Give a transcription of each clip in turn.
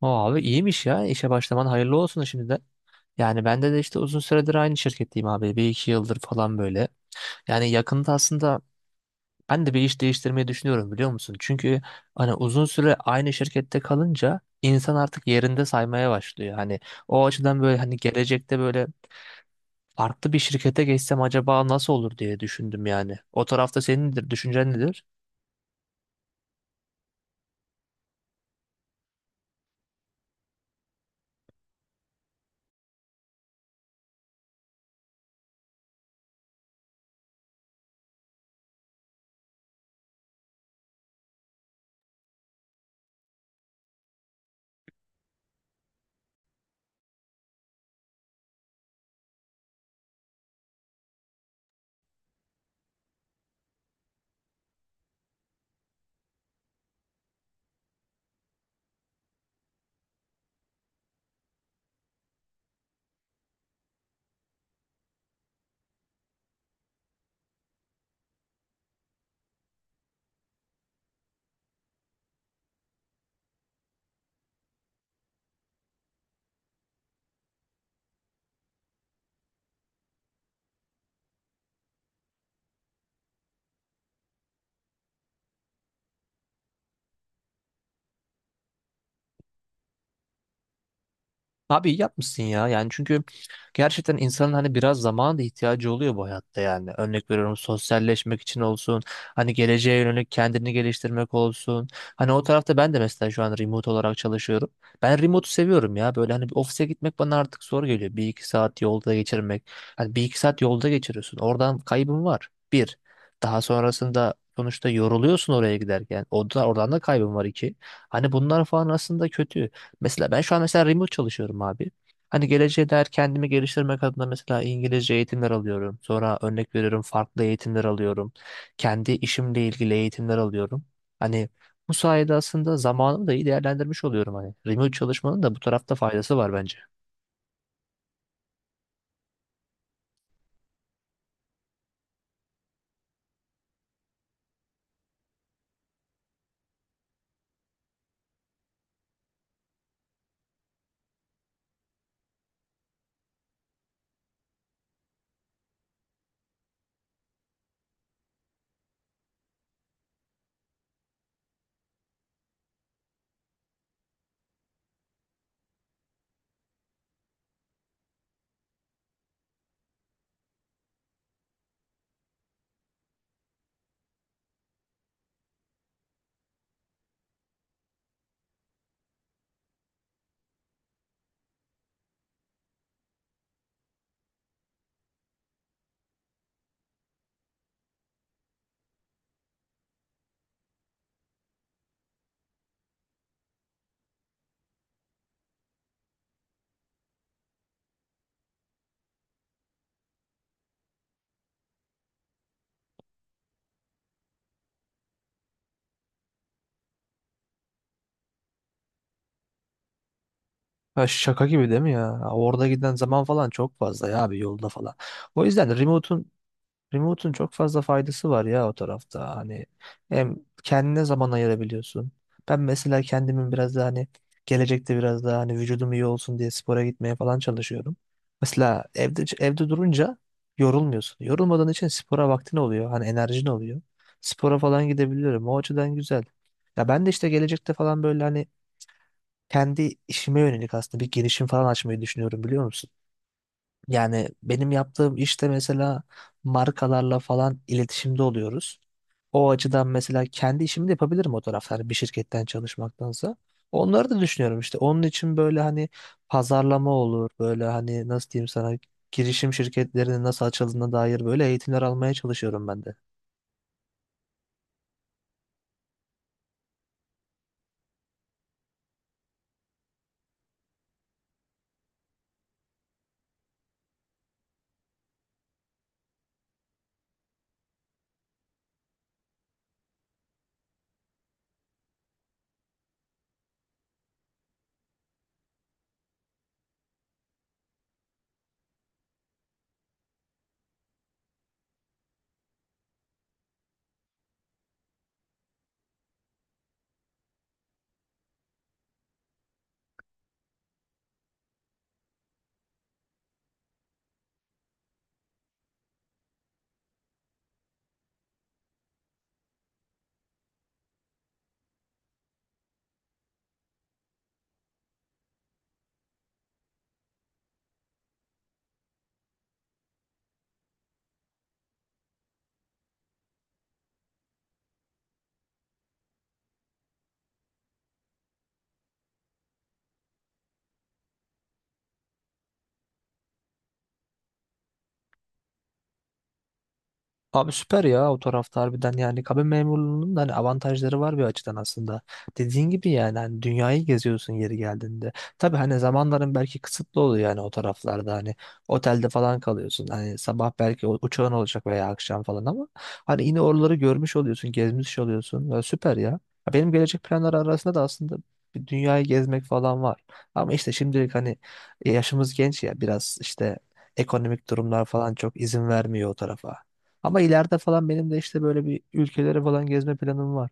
Abi iyiymiş ya. İşe başlaman hayırlı olsun şimdiden. Yani bende de işte uzun süredir aynı şirketteyim abi. Bir iki yıldır falan böyle. Yani yakında aslında ben de bir iş değiştirmeyi düşünüyorum biliyor musun? Çünkü hani uzun süre aynı şirkette kalınca insan artık yerinde saymaya başlıyor. Hani o açıdan böyle hani gelecekte böyle farklı bir şirkete geçsem acaba nasıl olur diye düşündüm yani. O tarafta senin nedir, düşüncen nedir? Abi iyi yapmışsın ya yani çünkü gerçekten insanın hani biraz zamana da ihtiyacı oluyor bu hayatta yani örnek veriyorum sosyalleşmek için olsun hani geleceğe yönelik kendini geliştirmek olsun hani o tarafta ben de mesela şu an remote olarak çalışıyorum ben remote'u seviyorum ya böyle hani bir ofise gitmek bana artık zor geliyor bir iki saat yolda geçirmek hani bir iki saat yolda geçiriyorsun oradan kaybın var bir daha sonrasında sonuçta yoruluyorsun oraya giderken o da, oradan da kaybın var iki hani bunlar falan aslında kötü. Mesela ben şu an mesela remote çalışıyorum abi. Hani geleceğe dair kendimi geliştirmek adına mesela İngilizce eğitimler alıyorum. Sonra örnek veriyorum farklı eğitimler alıyorum. Kendi işimle ilgili eğitimler alıyorum. Hani bu sayede aslında zamanımı da iyi değerlendirmiş oluyorum hani. Remote çalışmanın da bu tarafta faydası var bence. Ha, şaka gibi değil mi ya? Orada giden zaman falan çok fazla ya abi yolda falan. O yüzden Remote'un çok fazla faydası var ya o tarafta. Hani hem kendine zaman ayırabiliyorsun. Ben mesela kendimin biraz daha hani gelecekte biraz daha hani vücudum iyi olsun diye spora gitmeye falan çalışıyorum. Mesela evde evde durunca yorulmuyorsun. Yorulmadığın için spora vaktin oluyor. Hani enerjin oluyor. Spora falan gidebiliyorum. O açıdan güzel. Ya ben de işte gelecekte falan böyle hani kendi işime yönelik aslında bir girişim falan açmayı düşünüyorum biliyor musun? Yani benim yaptığım işte mesela markalarla falan iletişimde oluyoruz. O açıdan mesela kendi işimi de yapabilirim o tarafta hani bir şirketten çalışmaktansa. Onları da düşünüyorum işte. Onun için böyle hani pazarlama olur. Böyle hani nasıl diyeyim sana girişim şirketlerinin nasıl açıldığına dair böyle eğitimler almaya çalışıyorum ben de. Abi süper ya o tarafta harbiden yani kabin memurluğunun da hani avantajları var bir açıdan aslında. Dediğin gibi yani hani dünyayı geziyorsun yeri geldiğinde. Tabii hani zamanların belki kısıtlı oluyor yani o taraflarda hani otelde falan kalıyorsun. Hani sabah belki uçağın olacak veya akşam falan ama hani yine oraları görmüş oluyorsun, gezmiş oluyorsun. Ya süper ya. Ya benim gelecek planlar arasında da aslında bir dünyayı gezmek falan var. Ama işte şimdilik hani yaşımız genç ya biraz işte ekonomik durumlar falan çok izin vermiyor o tarafa. Ama ileride falan benim de işte böyle bir ülkelere falan gezme planım var.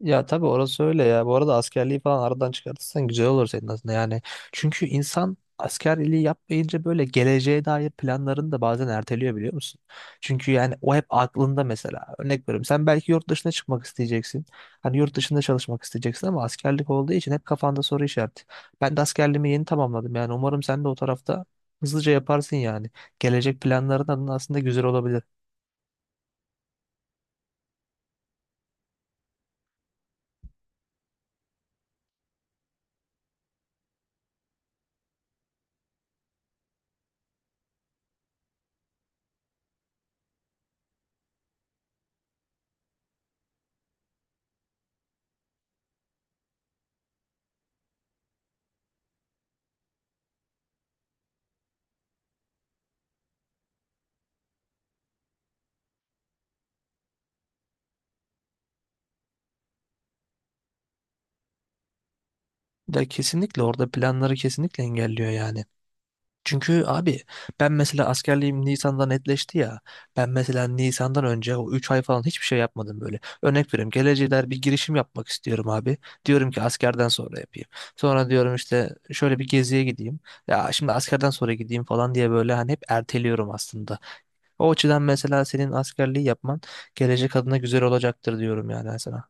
Ya tabii orası öyle ya. Bu arada askerliği falan aradan çıkartırsan güzel olur senin aslında yani. Çünkü insan askerliği yapmayınca böyle geleceğe dair planlarını da bazen erteliyor biliyor musun? Çünkü yani o hep aklında mesela. Örnek veriyorum sen belki yurt dışına çıkmak isteyeceksin. Hani yurt dışında çalışmak isteyeceksin ama askerlik olduğu için hep kafanda soru işareti. Ben de askerliğimi yeni tamamladım yani umarım sen de o tarafta hızlıca yaparsın yani. Gelecek planların adına aslında güzel olabilir. Ya kesinlikle orada planları kesinlikle engelliyor yani. Çünkü abi ben mesela askerliğim Nisan'da netleşti ya. Ben mesela Nisan'dan önce o 3 ay falan hiçbir şey yapmadım böyle. Örnek veriyorum geleceğe dair bir girişim yapmak istiyorum abi. Diyorum ki askerden sonra yapayım. Sonra diyorum işte şöyle bir geziye gideyim. Ya şimdi askerden sonra gideyim falan diye böyle hani hep erteliyorum aslında. O açıdan mesela senin askerliği yapman gelecek adına güzel olacaktır diyorum yani sana.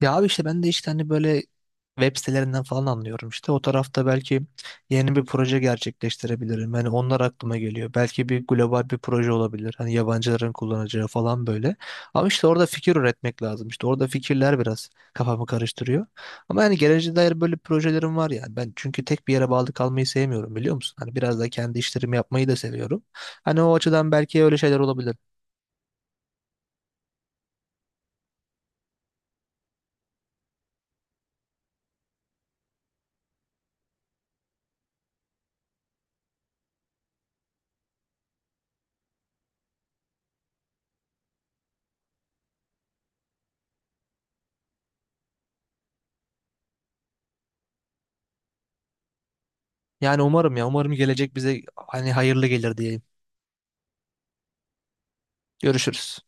Ya abi işte ben de işte hani böyle web sitelerinden falan anlıyorum işte. O tarafta belki yeni bir proje gerçekleştirebilirim. Hani onlar aklıma geliyor. Belki bir global bir proje olabilir. Hani yabancıların kullanacağı falan böyle. Ama işte orada fikir üretmek lazım. İşte orada fikirler biraz kafamı karıştırıyor. Ama yani geleceğe dair böyle projelerim var yani. Ben çünkü tek bir yere bağlı kalmayı sevmiyorum biliyor musun? Hani biraz da kendi işlerimi yapmayı da seviyorum. Hani o açıdan belki öyle şeyler olabilir. Yani umarım ya umarım gelecek bize hani hayırlı gelir diyeyim. Görüşürüz.